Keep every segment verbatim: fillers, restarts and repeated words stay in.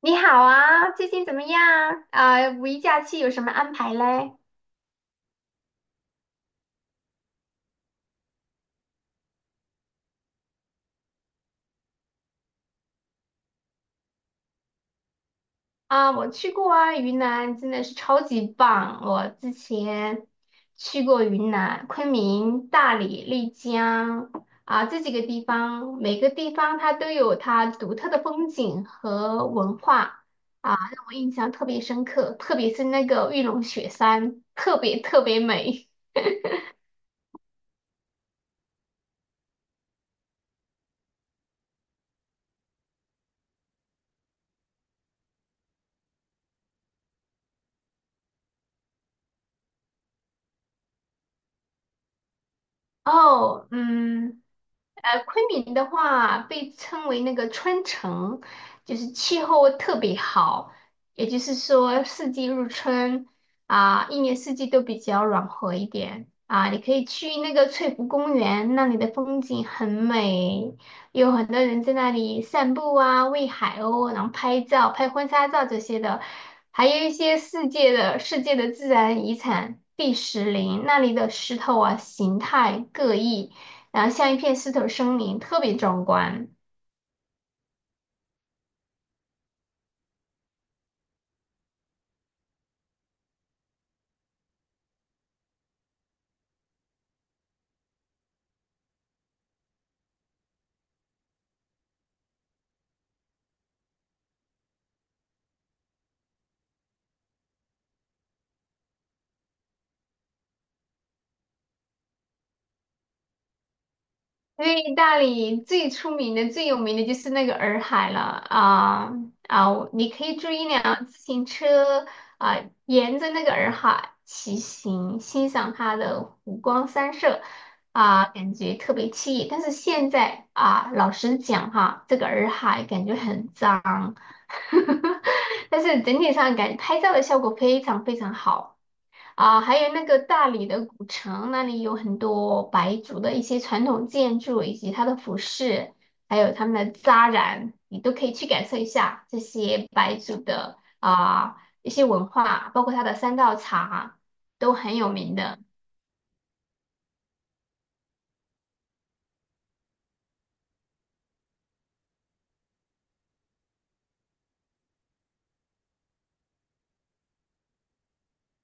你好啊，最近怎么样？啊、五一假期有什么安排嘞？啊，我去过啊，云南真的是超级棒。我之前去过云南昆明、大理、丽江啊，这几个地方，每个地方它都有它独特的风景和文化啊，让我印象特别深刻，特别是那个玉龙雪山，特别特别美。哦，嗯，呃，昆明的话被称为那个春城，就是气候特别好，也就是说四季如春啊，一年四季都比较暖和一点啊。你可以去那个翠湖公园，那里的风景很美，有很多人在那里散步啊、喂海鸥，然后拍照、拍婚纱照这些的，还有一些世界的世界的自然遗产第石林，那里的石头啊形态各异，然后像一片石头森林，特别壮观。因为意大理最出名的、最有名的就是那个洱海了啊啊！我你可以租一辆自行车啊，沿着那个洱海骑行，欣赏它的湖光山色啊，感觉特别惬意。但是现在啊，老实讲哈，这个洱海感觉很脏，但是整体上感拍照的效果非常非常好。啊，还有那个大理的古城，那里有很多白族的一些传统建筑，以及它的服饰，还有他们的扎染，你都可以去感受一下这些白族的啊、一些文化，包括它的三道茶都很有名的。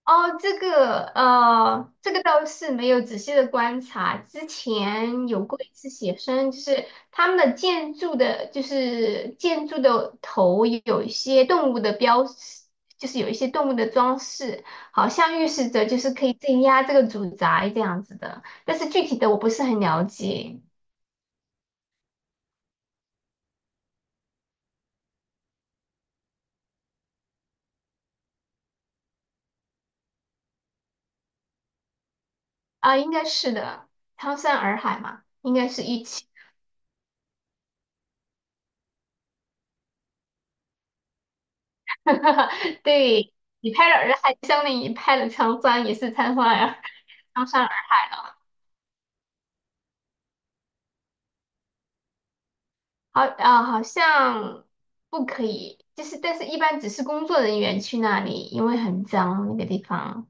哦，这个呃，这个倒是没有仔细的观察。之前有过一次写生，就是他们的建筑的，就是建筑的头有一些动物的标识，就是有一些动物的装饰，好像预示着就是可以镇压这个主宅这样子的。但是具体的我不是很了解。啊，应该是的，苍山洱海嘛，应该是一起。对，你拍了洱海，相当于你拍了苍山，也是苍山洱海。苍山好啊、好像不可以，就是但是一般只是工作人员去那里，因为很脏那个地方。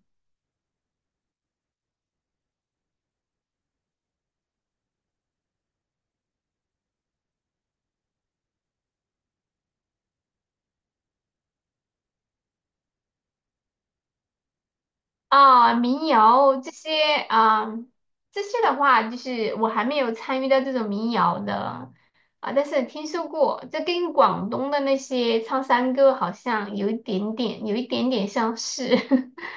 啊、民谣这些啊、这些的话，就是我还没有参与到这种民谣的，啊、但是听说过，这跟广东的那些唱山歌好像有一点点，有一点点相似。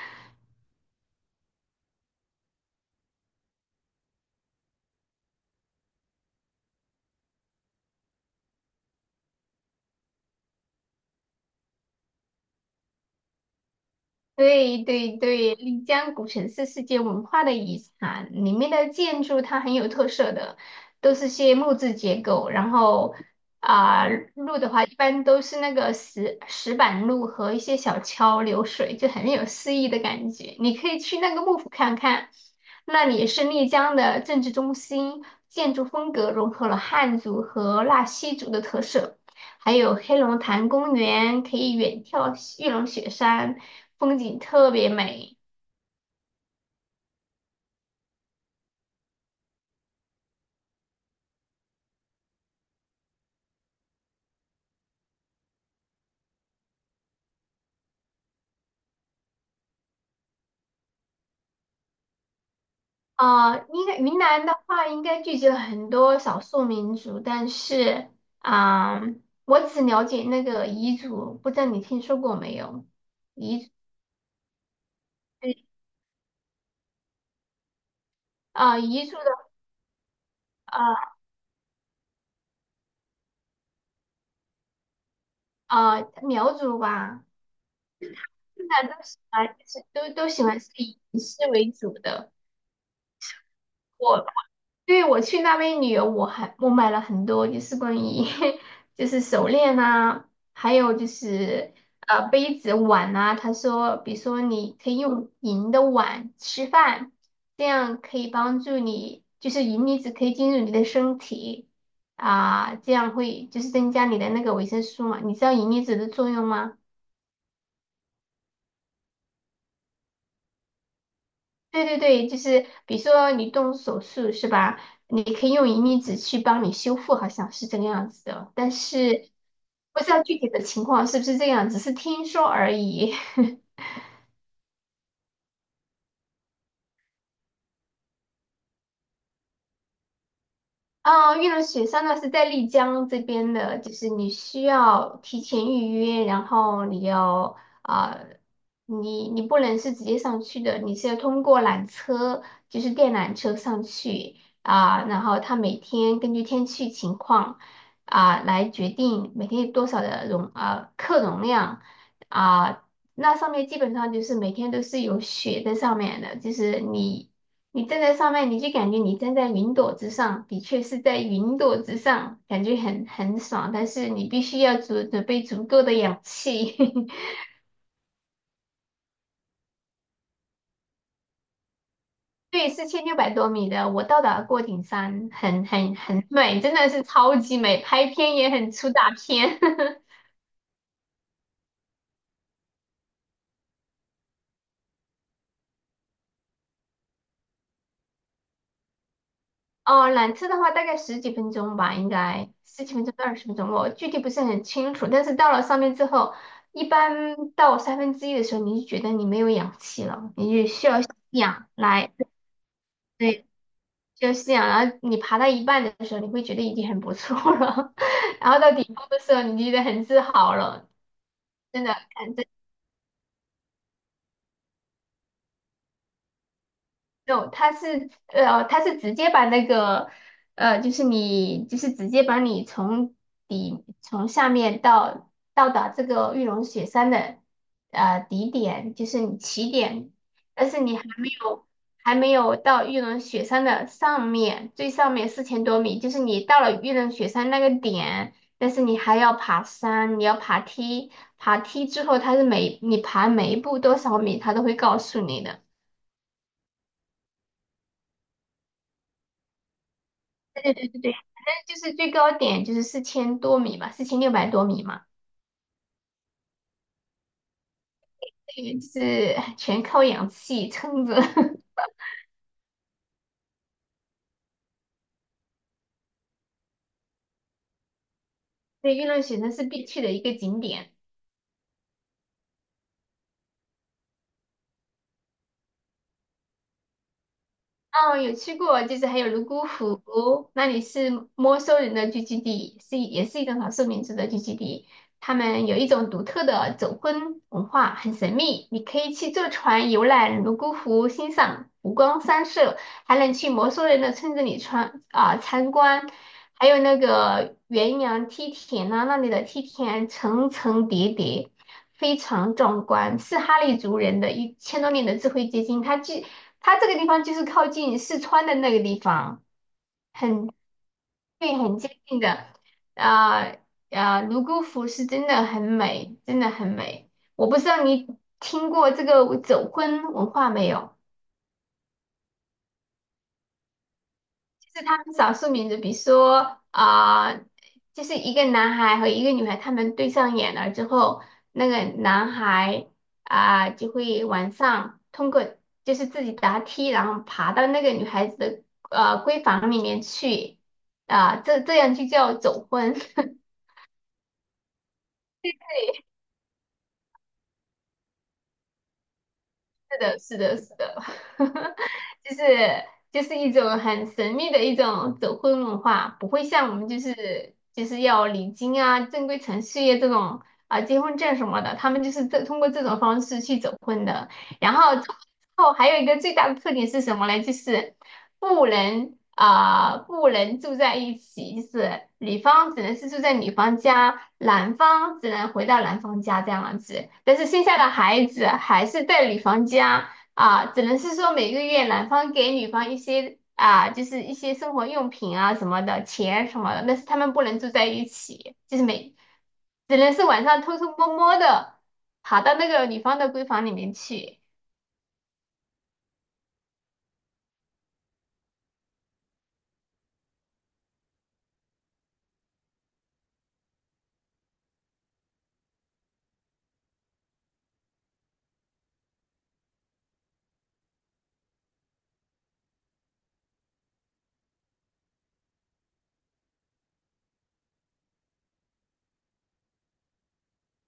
对对对，丽江古城是世界文化的遗产，里面的建筑它很有特色的，都是些木质结构，然后啊、路的话一般都是那个石石板路和一些小桥流水，就很有诗意的感觉。你可以去那个幕府看看，那里是丽江的政治中心，建筑风格融合了汉族和纳西族的特色。还有黑龙潭公园，可以远眺玉龙雪山，风景特别美。啊、应该云南的话，应该聚集了很多少数民族，但是，啊、我只了解那个彝族，不知道你听说过没有？彝族，对，啊、彝族的，呃呃，苗族吧，现在都喜欢，就是都都喜欢是以仪式为主的。我对，我去那边旅游，我还我买了很多，就是关于 就是手链啊，还有就是呃杯子碗啊。他说，比如说你可以用银的碗吃饭，这样可以帮助你，就是银离子可以进入你的身体啊，这样会就是增加你的那个维生素嘛。你知道银离子的作用吗？对对对，就是比如说你动手术是吧？你可以用银离子去帮你修复，好像是这个样子的。但是不知道具体的情况是不是这样，只是听说而已。啊，玉龙雪山呢是在丽江这边的，就是你需要提前预约，然后你要啊、你你不能是直接上去的，你是要通过缆车，就是电缆车上去啊、然后它每天根据天气情况啊、来决定每天有多少的容啊、客容量啊、那上面基本上就是每天都是有雪在上面的，就是你。你站在上面，你就感觉你站在云朵之上，的确是在云朵之上，感觉很很爽。但是你必须要足准备足够的氧气。对，四千六百多米的，我到达过顶山，很很很美，真的是超级美，拍片也很出大片。哦，缆车的话大概十几分钟吧，应该十几分钟到二十分钟，我具体不是很清楚。但是到了上面之后，一般到三分之一的时候，你就觉得你没有氧气了，你就需要吸氧来。对，就是这样。然后你爬到一半的时候，你会觉得已经很不错了，然后到顶峰的时候，你就觉得很自豪了，真的。no，它是呃，它是直接把那个呃，就是你就是直接把你从底从下面到到达这个玉龙雪山的呃底点，就是你起点，但是你还没有还没有到玉龙雪山的上面，最上面四千多米，就是你到了玉龙雪山那个点，但是你还要爬山，你要爬梯，爬梯之后，它是每你爬每一步多少米，它都会告诉你的。对对对对对就是最高点就是四千多米嘛，四千六百多米嘛，对，就是全靠氧气撑着。对，月亮雪山是必去的一个景点。哦，有去过，就是还有泸沽湖，那里是摩梭人的聚居地，是也是一种少数民族的聚居地。他们有一种独特的走婚文化，很神秘。你可以去坐船游览泸沽湖，欣赏湖光山色，还能去摩梭人的村子里穿啊、参观，还有那个元阳梯田呢，那里的梯田层层叠叠。非常壮观，是哈利族人的一千多年的智慧结晶。它既它这个地方就是靠近四川的那个地方，很对，很接近的。啊、啊、泸沽湖是真的很美，真的很美。我不知道你听过这个走婚文化没有？是他们少数民族，比如说啊、呃就是一个男孩和一个女孩，他们对上眼了之后，那个男孩啊、就会晚上通过就是自己答题，然后爬到那个女孩子的呃闺房里面去。啊、这这样就叫走婚。是的，是的，是的。就是就是一种很神秘的一种走婚文化，不会像我们就是就是要礼金啊、正规程序啊这种啊、结婚证什么的，他们就是这通过这种方式去走婚的。然后走婚之后还有一个最大的特点是什么呢？就是不能啊、不能住在一起，就是女方只能是住在女方家，男方只能回到男方家这样子。但是生下的孩子还是在女方家。啊，只能是说每个月男方给女方一些啊，就是一些生活用品啊什么的，钱什么的，但是他们不能住在一起，就是每只能是晚上偷偷摸摸的跑到那个女方的闺房里面去。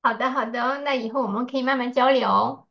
好的，好的，那以后我们可以慢慢交流哦。